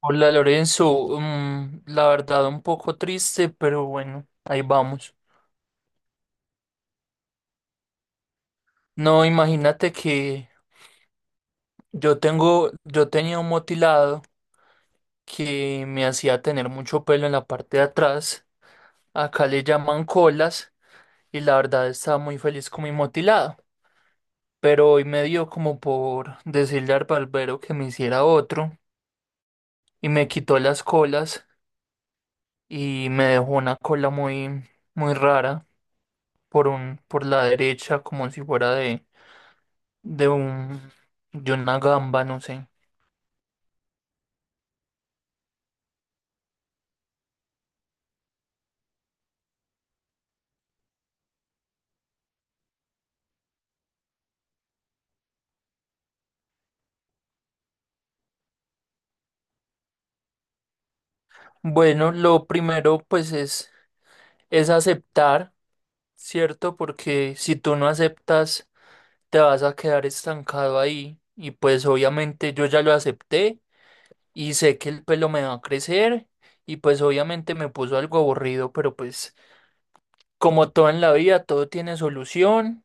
Hola Lorenzo, la verdad un poco triste, pero bueno, ahí vamos. No, imagínate que yo tenía un motilado que me hacía tener mucho pelo en la parte de atrás. Acá le llaman colas y la verdad estaba muy feliz con mi motilado. Pero hoy me dio como por decirle al barbero que me hiciera otro y me quitó las colas y me dejó una cola muy rara por la derecha como si fuera de un, de una gamba, no sé. Bueno, lo primero pues es aceptar, ¿cierto? Porque si tú no aceptas, te vas a quedar estancado ahí. Y pues obviamente yo ya lo acepté y sé que el pelo me va a crecer y pues obviamente me puso algo aburrido, pero pues como todo en la vida, todo tiene solución.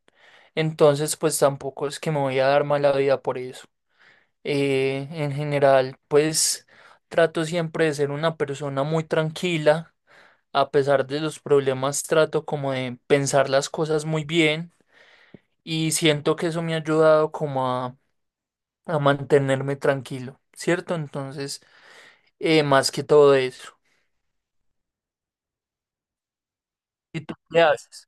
Entonces pues tampoco es que me voy a dar mala vida por eso. En general, pues trato siempre de ser una persona muy tranquila, a pesar de los problemas, trato como de pensar las cosas muy bien y siento que eso me ha ayudado a mantenerme tranquilo, ¿cierto? Entonces, más que todo eso. ¿Y tú qué haces?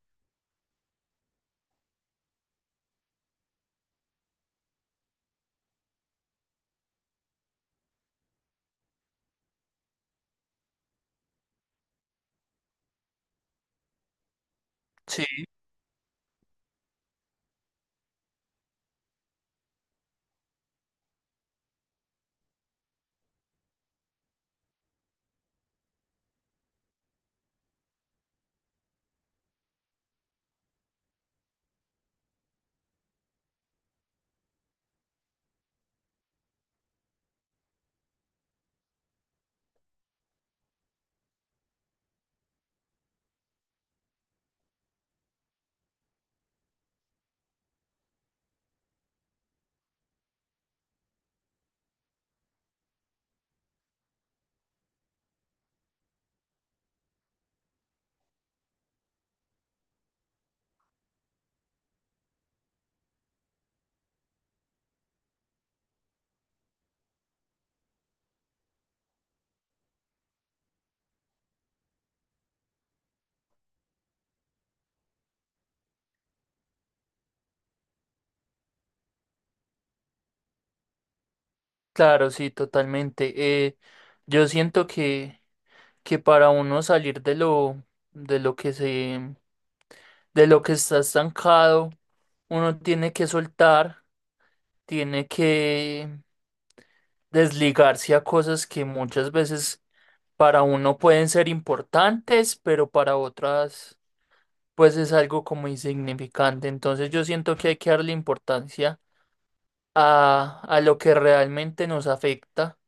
Sí, claro, sí, totalmente. Yo siento que para uno salir de lo que de lo que está estancado, uno tiene que soltar, tiene que desligarse a cosas que muchas veces para uno pueden ser importantes, pero para otras pues es algo como insignificante. Entonces yo siento que hay que darle importancia a lo que realmente nos afecta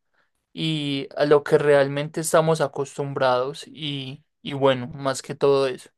y a lo que realmente estamos acostumbrados y bueno, más que todo eso.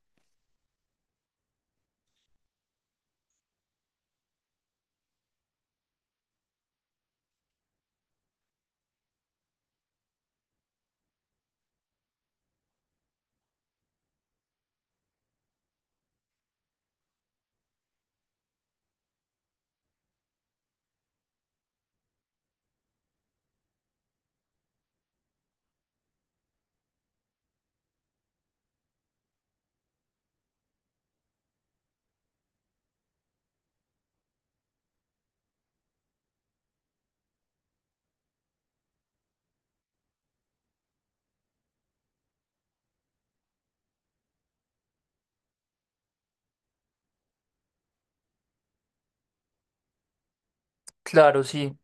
Claro, sí,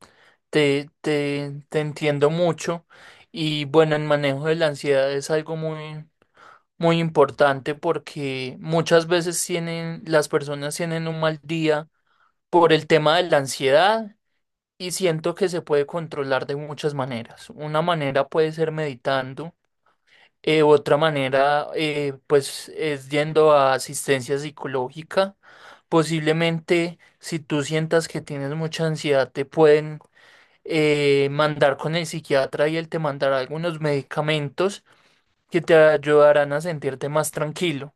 te entiendo mucho. Y bueno, el manejo de la ansiedad es algo muy importante porque las personas tienen un mal día por el tema de la ansiedad y siento que se puede controlar de muchas maneras. Una manera puede ser meditando, otra manera pues es yendo a asistencia psicológica. Posiblemente si tú sientas que tienes mucha ansiedad te pueden mandar con el psiquiatra y él te mandará algunos medicamentos que te ayudarán a sentirte más tranquilo.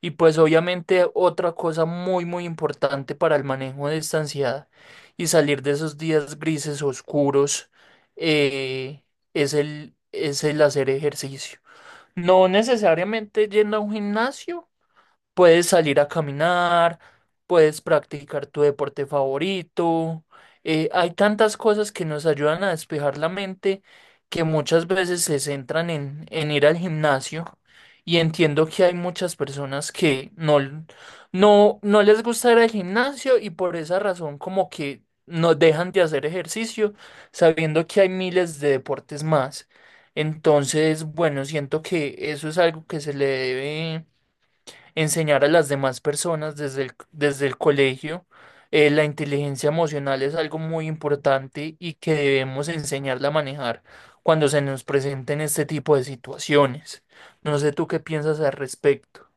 Y pues obviamente otra cosa muy muy importante para el manejo de esta ansiedad y salir de esos días grises oscuros eh, es es el hacer ejercicio. No necesariamente yendo a un gimnasio, puedes salir a caminar, puedes practicar tu deporte favorito. Hay tantas cosas que nos ayudan a despejar la mente que muchas veces se centran en ir al gimnasio. Y entiendo que hay muchas personas que no, no, no les gusta ir al gimnasio y por esa razón como que no dejan de hacer ejercicio sabiendo que hay miles de deportes más. Entonces, bueno, siento que eso es algo que se le debe enseñar a las demás personas desde el colegio. La inteligencia emocional es algo muy importante y que debemos enseñarla a manejar cuando se nos presenten este tipo de situaciones. No sé tú qué piensas al respecto.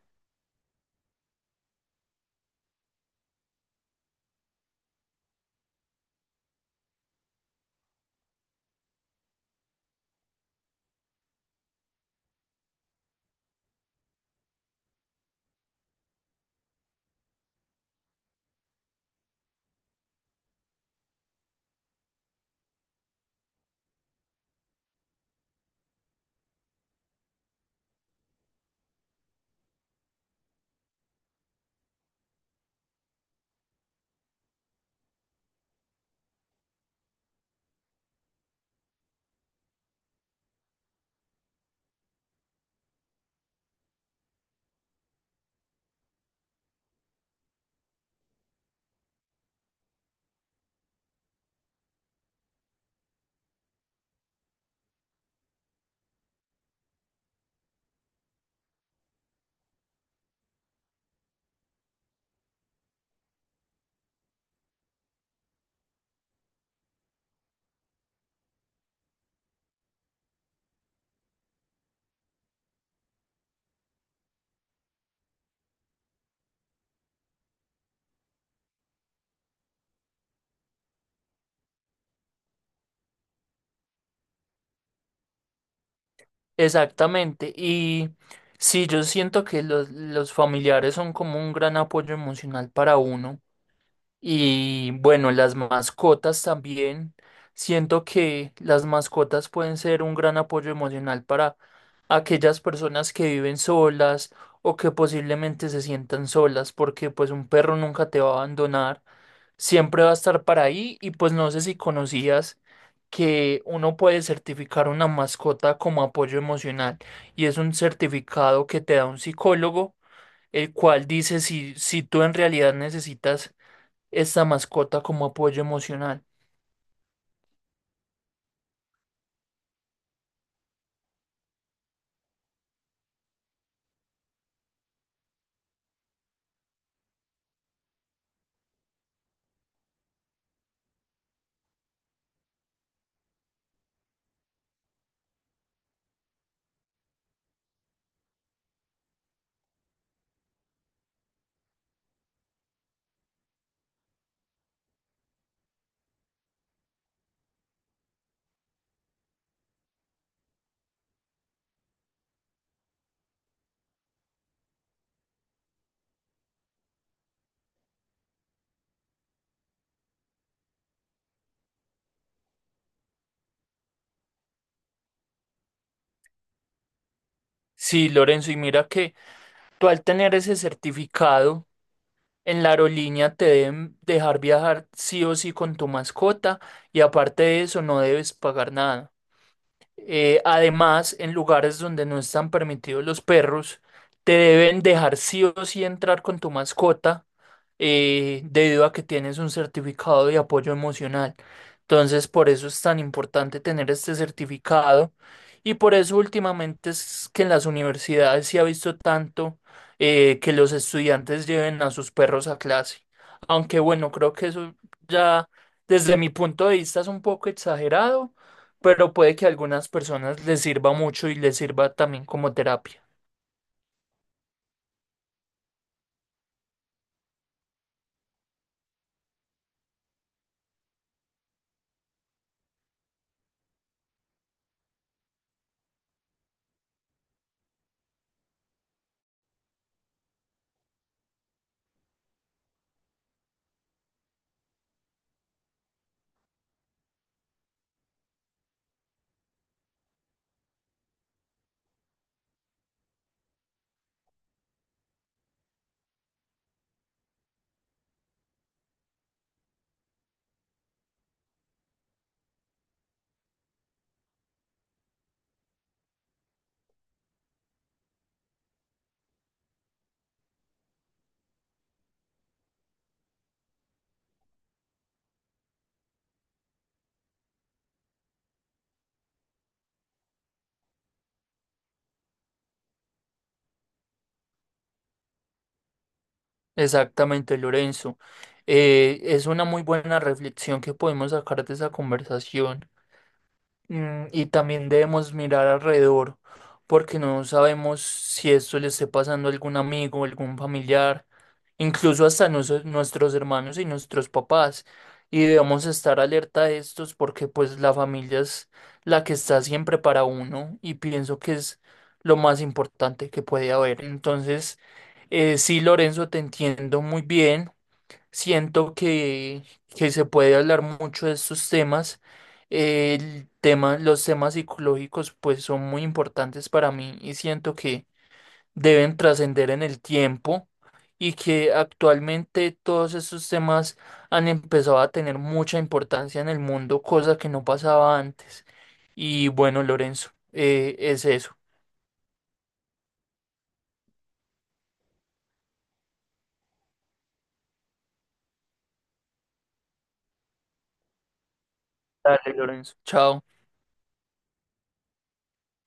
Exactamente. Y sí, yo siento que los familiares son como un gran apoyo emocional para uno. Y bueno, las mascotas también. Siento que las mascotas pueden ser un gran apoyo emocional para aquellas personas que viven solas o que posiblemente se sientan solas, porque pues un perro nunca te va a abandonar, siempre va a estar para ahí y pues no sé si conocías que uno puede certificar una mascota como apoyo emocional y es un certificado que te da un psicólogo, el cual dice si tú en realidad necesitas esta mascota como apoyo emocional. Sí, Lorenzo, y mira que tú al tener ese certificado en la aerolínea te deben dejar viajar sí o sí con tu mascota y aparte de eso no debes pagar nada. Además, en lugares donde no están permitidos los perros, te deben dejar sí o sí entrar con tu mascota, debido a que tienes un certificado de apoyo emocional. Entonces, por eso es tan importante tener este certificado y por eso últimamente es que en las universidades se ha visto tanto que los estudiantes lleven a sus perros a clase. Aunque bueno, creo que eso ya desde mi punto de vista es un poco exagerado pero puede que a algunas personas les sirva mucho y les sirva también como terapia. Exactamente, Lorenzo. Es una muy buena reflexión que podemos sacar de esa conversación. Mm, y también debemos mirar alrededor, porque no sabemos si esto le esté pasando a algún amigo, algún familiar, incluso hasta nuestros hermanos y nuestros papás. Y debemos estar alerta de estos porque pues la familia es la que está siempre para uno y pienso que es lo más importante que puede haber. Entonces, sí, Lorenzo, te entiendo muy bien. Siento que se puede hablar mucho de estos temas. Los temas psicológicos pues son muy importantes para mí y siento que deben trascender en el tiempo y que actualmente todos estos temas han empezado a tener mucha importancia en el mundo, cosa que no pasaba antes. Y bueno, Lorenzo, es eso. Dale, Lorenzo. Chao.